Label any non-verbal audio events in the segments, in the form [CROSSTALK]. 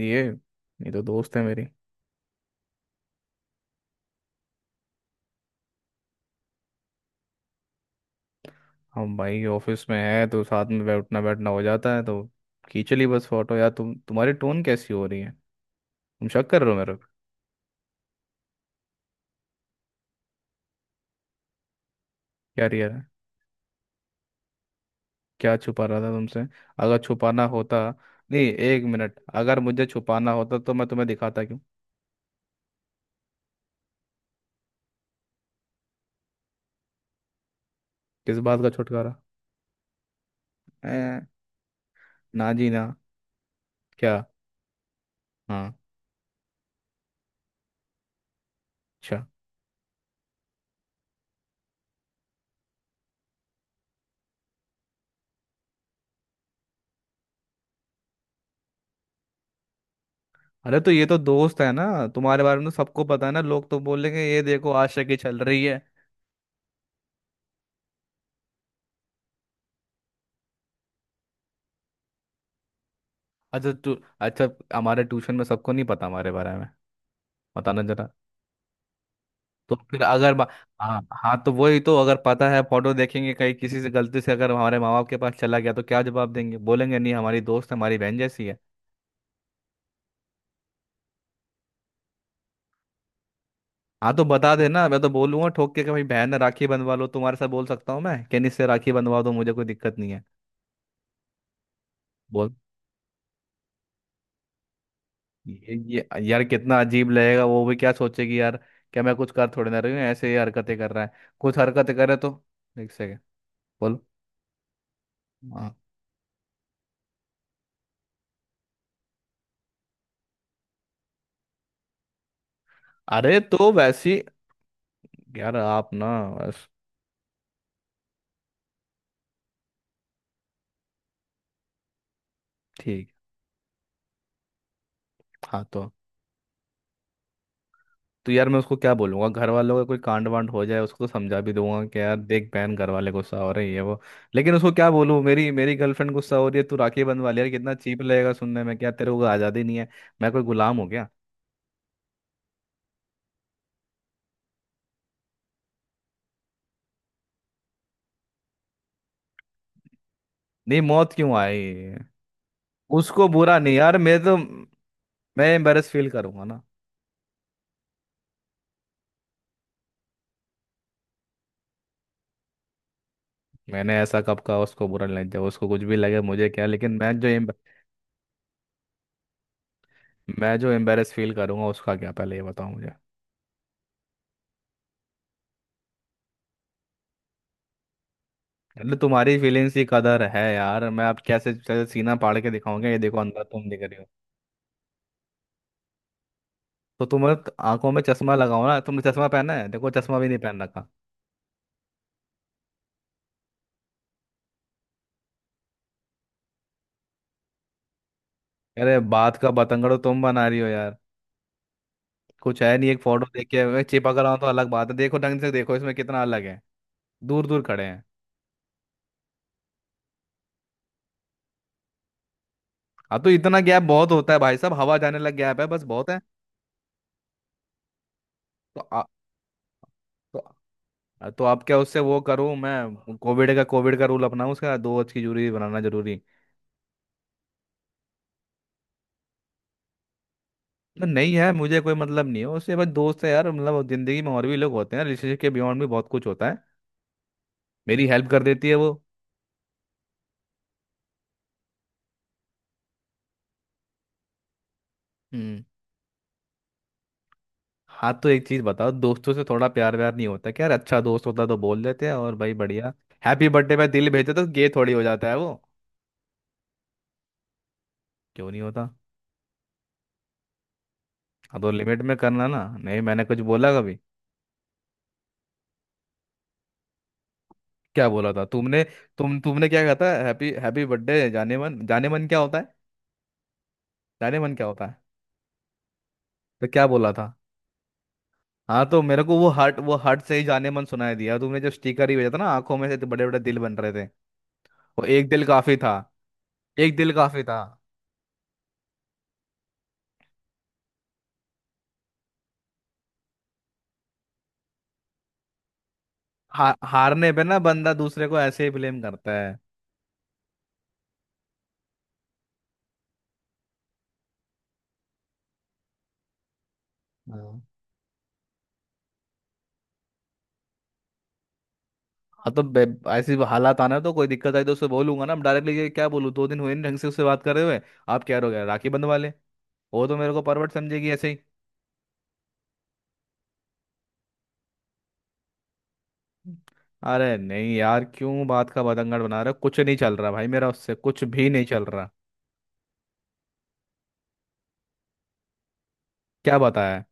ये ये तो दोस्त है मेरी। हम भाई ऑफिस में है तो साथ में बैठना बैठना हो जाता है तो खींच ली बस फोटो यार। तुम्हारी टोन कैसी हो रही है? तुम शक कर रहे हो मेरे को? यार यार क्या छुपा रहा था तुमसे? अगर छुपाना होता, नहीं एक मिनट, अगर मुझे छुपाना होता तो मैं तुम्हें दिखाता क्यों? किस बात का छुटकारा? ए, ना जी ना। क्या? हाँ। अच्छा। अरे तो ये तो दोस्त है ना, तुम्हारे बारे में तो सबको पता है ना, लोग तो बोलेंगे ये देखो आशिकी चल रही है। अच्छा तो तू, अच्छा हमारे ट्यूशन में सबको नहीं पता हमारे बारे में? बताना जरा। तो फिर अगर बा- हाँ हाँ, तो वही तो, अगर पता है फोटो देखेंगे कहीं किसी से गलती से अगर हमारे माँ बाप के पास चला गया तो क्या जवाब देंगे? बोलेंगे नहीं हमारी दोस्त है, हमारी बहन जैसी है। हाँ तो बता देना, मैं तो बोलूंगा ठोक के कि भाई बहन, राखी बंधवा लो तुम्हारे साथ। बोल सकता हूँ मैं, कैनिस से राखी बंधवा दो, मुझे कोई दिक्कत नहीं है। बोल। ये यार कितना अजीब लगेगा, वो भी क्या सोचेगी यार। क्या मैं कुछ कर थोड़ी ना रही हूँ, ऐसे ही हरकतें कर रहा है। कुछ हरकतें करे तो। एक सेकेंड। बोल। हाँ। अरे तो वैसी, यार आप ना, बस ठीक। हाँ तो। तो यार मैं उसको क्या बोलूंगा? घर वालों का कोई कांड वांड हो जाए उसको समझा भी दूंगा कि यार देख बहन, घर वाले गुस्सा हो रही है वो। लेकिन उसको क्या बोलूँ? मेरी मेरी गर्लफ्रेंड गुस्सा हो रही है, तू राखी बंधवा ले? यार कितना चीप लगेगा सुनने में। क्या तेरे को आज़ादी नहीं है, मैं कोई गुलाम हूँ क्या? नहीं, मौत क्यों आई? उसको बुरा नहीं यार, मैं तो, मैं एम्बेरस फील करूंगा ना। मैंने ऐसा कब कहा उसको बुरा नहीं? जब उसको कुछ भी लगे मुझे क्या, लेकिन मैं जो मैं जो एम्बेरस फील करूंगा उसका क्या, पहले ये बताओ। मतलब तुम्हारी फीलिंग्स की कदर है यार, मैं आप कैसे कैसे सीना फाड़ के दिखाऊंगा? ये देखो अंदर तुम दिख रही हो। आंखों में चश्मा लगाओ ना, तुमने चश्मा पहना है? देखो चश्मा भी नहीं पहन रखा। अरे बात का बतंगड़ तुम बना रही हो यार। कुछ है नहीं, एक फोटो देख के मैं चिपक रहा हूं तो अलग बात है, देखो ढंग से, देखो इसमें कितना अलग है, दूर दूर खड़े हैं। अब तो इतना गैप बहुत होता है भाई साहब, हवा जाने लग गैप है, बस बहुत है। तो आ, तो, तो आप क्या, उससे वो करूं मैं, कोविड का, कोविड का रूल अपनाऊं उसका, दो गज की दूरी बनाना जरूरी है। तो नहीं यार मुझे कोई मतलब नहीं है उससे, बस दोस्त है यार, मतलब जिंदगी में और भी लोग होते हैं, रिलेशनशिप के बियॉन्ड भी बहुत कुछ होता है। मेरी हेल्प कर देती है वो। हम्म। हाँ तो एक चीज बताओ, दोस्तों से थोड़ा प्यार व्यार नहीं होता क्या यार? अच्छा दोस्त होता तो बोल देते हैं और भाई बढ़िया, हैप्पी बर्थडे पे दिल भेजते तो गे थोड़ी हो जाता है वो। क्यों नहीं होता? हाँ तो लिमिट में करना ना, नहीं मैंने कुछ बोला कभी? क्या बोला था तुमने? तुमने क्या कहा था? हैप्पी हैप्पी बर्थडे जाने मन, जाने मन क्या होता है? जाने मन क्या होता है? तो क्या बोला था? हाँ तो मेरे को वो हर्ट, वो हर्ट से ही जाने मन सुनाई दिया, तुमने जो स्टिकर ही भेजा था ना, आंखों में से बड़े बड़े दिल बन रहे थे। वो एक दिल काफी था। एक दिल काफी था। हारने पे ना बंदा दूसरे को ऐसे ही ब्लेम करता है। हाँ। ऐसी हालात आना, तो कोई दिक्कत आई तो उससे बोलूंगा ना डायरेक्टली, क्या बोलूँ? दो दिन हुए नहीं ढंग से उससे बात करे हुए, आप क्या हो गए राखी बंधवा ले? वो तो मेरे को परवट समझेगी ऐसे ही। अरे नहीं यार, क्यों बात का बतंगड़ बना रहे हो? कुछ नहीं चल रहा भाई, मेरा उससे कुछ भी नहीं चल रहा। क्या बताया?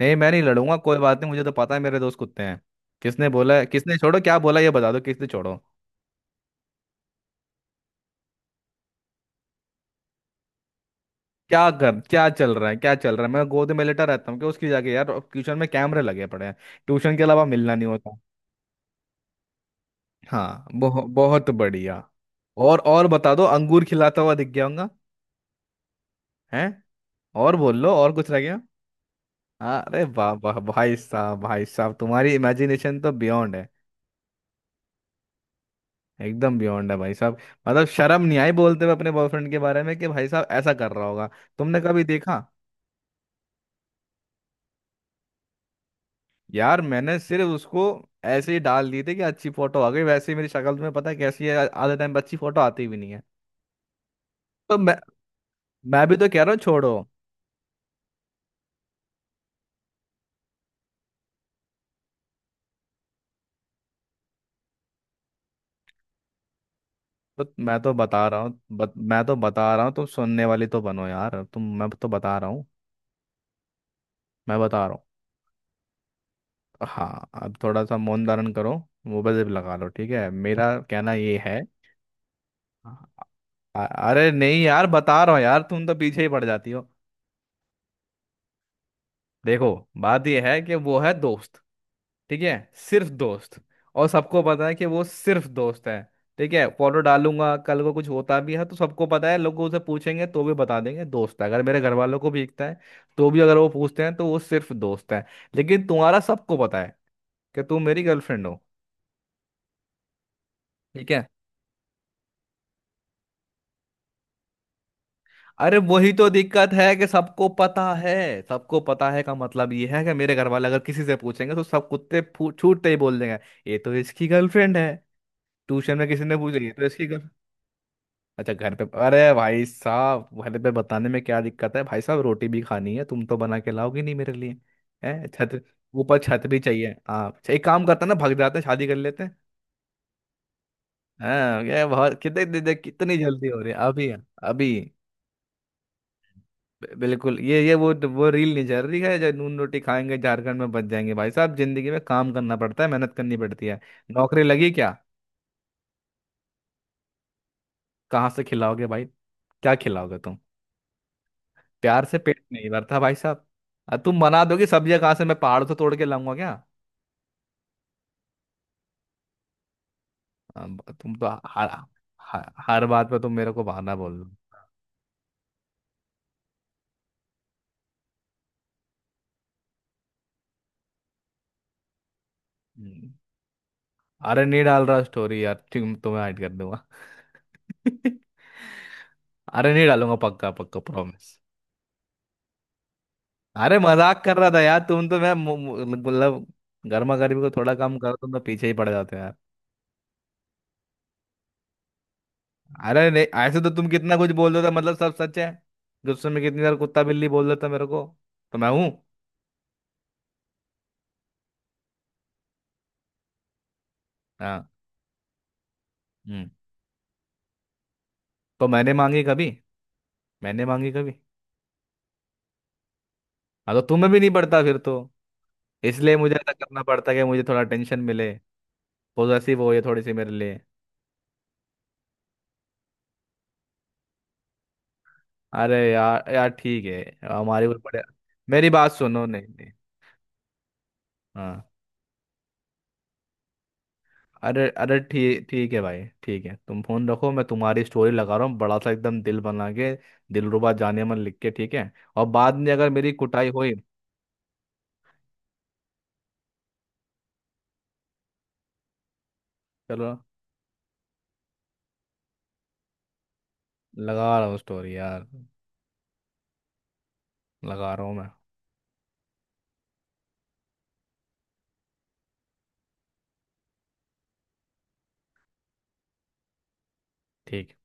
नहीं मैं नहीं लड़ूंगा, कोई बात नहीं, मुझे तो पता है मेरे दोस्त कुत्ते हैं। किसने बोला है, किसने, छोड़ो, क्या बोला ये बता दो, किसने, छोड़ो। क्या कर, क्या चल रहा है, क्या चल रहा है? मैं गोद में लेटा रहता हूँ कि उसकी जाके? यार ट्यूशन में कैमरे लगे पड़े हैं, ट्यूशन के अलावा मिलना नहीं होता। हाँ, बहुत बढ़िया। और बता दो, अंगूर खिलाता हुआ दिख गया होगा। हैं? और बोल लो, और कुछ रह गया? अरे वाह वाह भाई साहब, भाई साहब तुम्हारी इमेजिनेशन तो बियॉन्ड है, एकदम बियॉन्ड है भाई साहब। मतलब शर्म नहीं आई बोलते हुए अपने बॉयफ्रेंड के बारे में कि भाई साहब ऐसा कर रहा होगा? तुमने कभी देखा? यार मैंने सिर्फ उसको ऐसे ही डाल दिए थे कि अच्छी फोटो आ गई, वैसे ही मेरी शक्ल तुम्हें पता है कैसी है, आधे टाइम पे अच्छी फोटो आती भी नहीं है। तो मैं भी तो कह रहा हूँ छोड़ो। मैं तो बता रहा हूँ, तुम सुनने वाली तो बनो यार तुम, मैं तो बता रहा हूँ। मैं बता रहा हूँ। हाँ अब थोड़ा सा मौन धारण करो, मुंह पे जिप लगा लो, ठीक है? मेरा कहना ये है, अरे नहीं यार बता रहा हूँ यार, तुम तो पीछे ही पड़ जाती हो। देखो, बात यह है कि वो है दोस्त, ठीक है? सिर्फ दोस्त, और सबको पता है कि वो सिर्फ दोस्त है। ठीक है, फोटो डालूंगा, कल को कुछ होता भी है तो सबको पता है, लोग उसे पूछेंगे तो भी बता देंगे दोस्त है। अगर मेरे घर वालों को भी दिखता है तो भी अगर वो पूछते हैं तो वो सिर्फ दोस्त है। लेकिन तुम्हारा सबको पता है कि तुम मेरी गर्लफ्रेंड हो। ठीक है, अरे वही तो दिक्कत है कि सबको पता है। सबको पता है का मतलब ये है कि मेरे घर वाले अगर किसी से पूछेंगे तो सब कुत्ते छूटते ही बोल देंगे ये तो इसकी गर्लफ्रेंड है। ट्यूशन में किसी ने पूछ, ये तो इसकी गर्ल। अच्छा घर पे, अरे भाई साहब घर पे बताने में क्या दिक्कत है, भाई साहब रोटी भी खानी है, तुम तो बना के लाओगे नहीं मेरे लिए। है छत, ऊपर छत भी चाहिए। हाँ अच्छा, एक काम करते हैं ना, भाग जाते हैं, शादी कर लेते हैं। हाँ ये बहुत, कितने, कितनी जल्दी हो रही है अभी अभी? बिल्कुल, ये वो रील नहीं चल रही है जो नून रोटी खाएंगे झारखंड में बच जाएंगे। भाई साहब जिंदगी में काम करना पड़ता है, मेहनत करनी पड़ती है, नौकरी लगी क्या? कहाँ से खिलाओगे भाई, क्या खिलाओगे तुम? प्यार से पेट नहीं भरता भाई साहब। अब तुम बना दोगे, सब्जियां कहाँ से, मैं पहाड़ से तोड़ के लाऊंगा क्या? अब तुम तो हर, हर बात पे तुम मेरे को बहाना बोल दो। हम्म। अरे नहीं डाल रहा स्टोरी यार, तुम्हें ऐड कर दूंगा। [LAUGHS] अरे नहीं डालूंगा, पक्का पक्का प्रॉमिस। अरे मजाक कर रहा था यार, तुम तो मैं, मु- मु- मतलब गर्मा गर्मी को थोड़ा कम करो, तुम तो पीछे ही पड़ जाते हो यार। अरे नहीं ऐसे तो तुम कितना कुछ बोल देते हो, मतलब सब सच है? गुस्से में कितनी बार कुत्ता बिल्ली बोल देता मेरे को, तो मैं हूँ? हाँ। हम्म। तो मैंने मांगी कभी? मैंने मांगी कभी? हाँ तो तुम्हें भी नहीं पड़ता फिर तो, इसलिए मुझे ऐसा करना पड़ता है कि मुझे थोड़ा टेंशन मिले, पॉजिटिव हो ये थोड़ी सी मेरे लिए। अरे यार यार ठीक है, हमारे ऊपर पड़े। मेरी बात सुनो, नहीं नहीं। हाँ। अरे अरे ठीक, ठीक है भाई, ठीक है तुम फोन रखो, मैं तुम्हारी स्टोरी लगा रहा हूँ, बड़ा सा एकदम दिल बना के, दिलरुबा जाने मन लिख के, ठीक है? और बाद में अगर मेरी कुटाई हुई। चलो लगा रहा हूँ स्टोरी यार, लगा रहा हूँ मैं, ठीक है।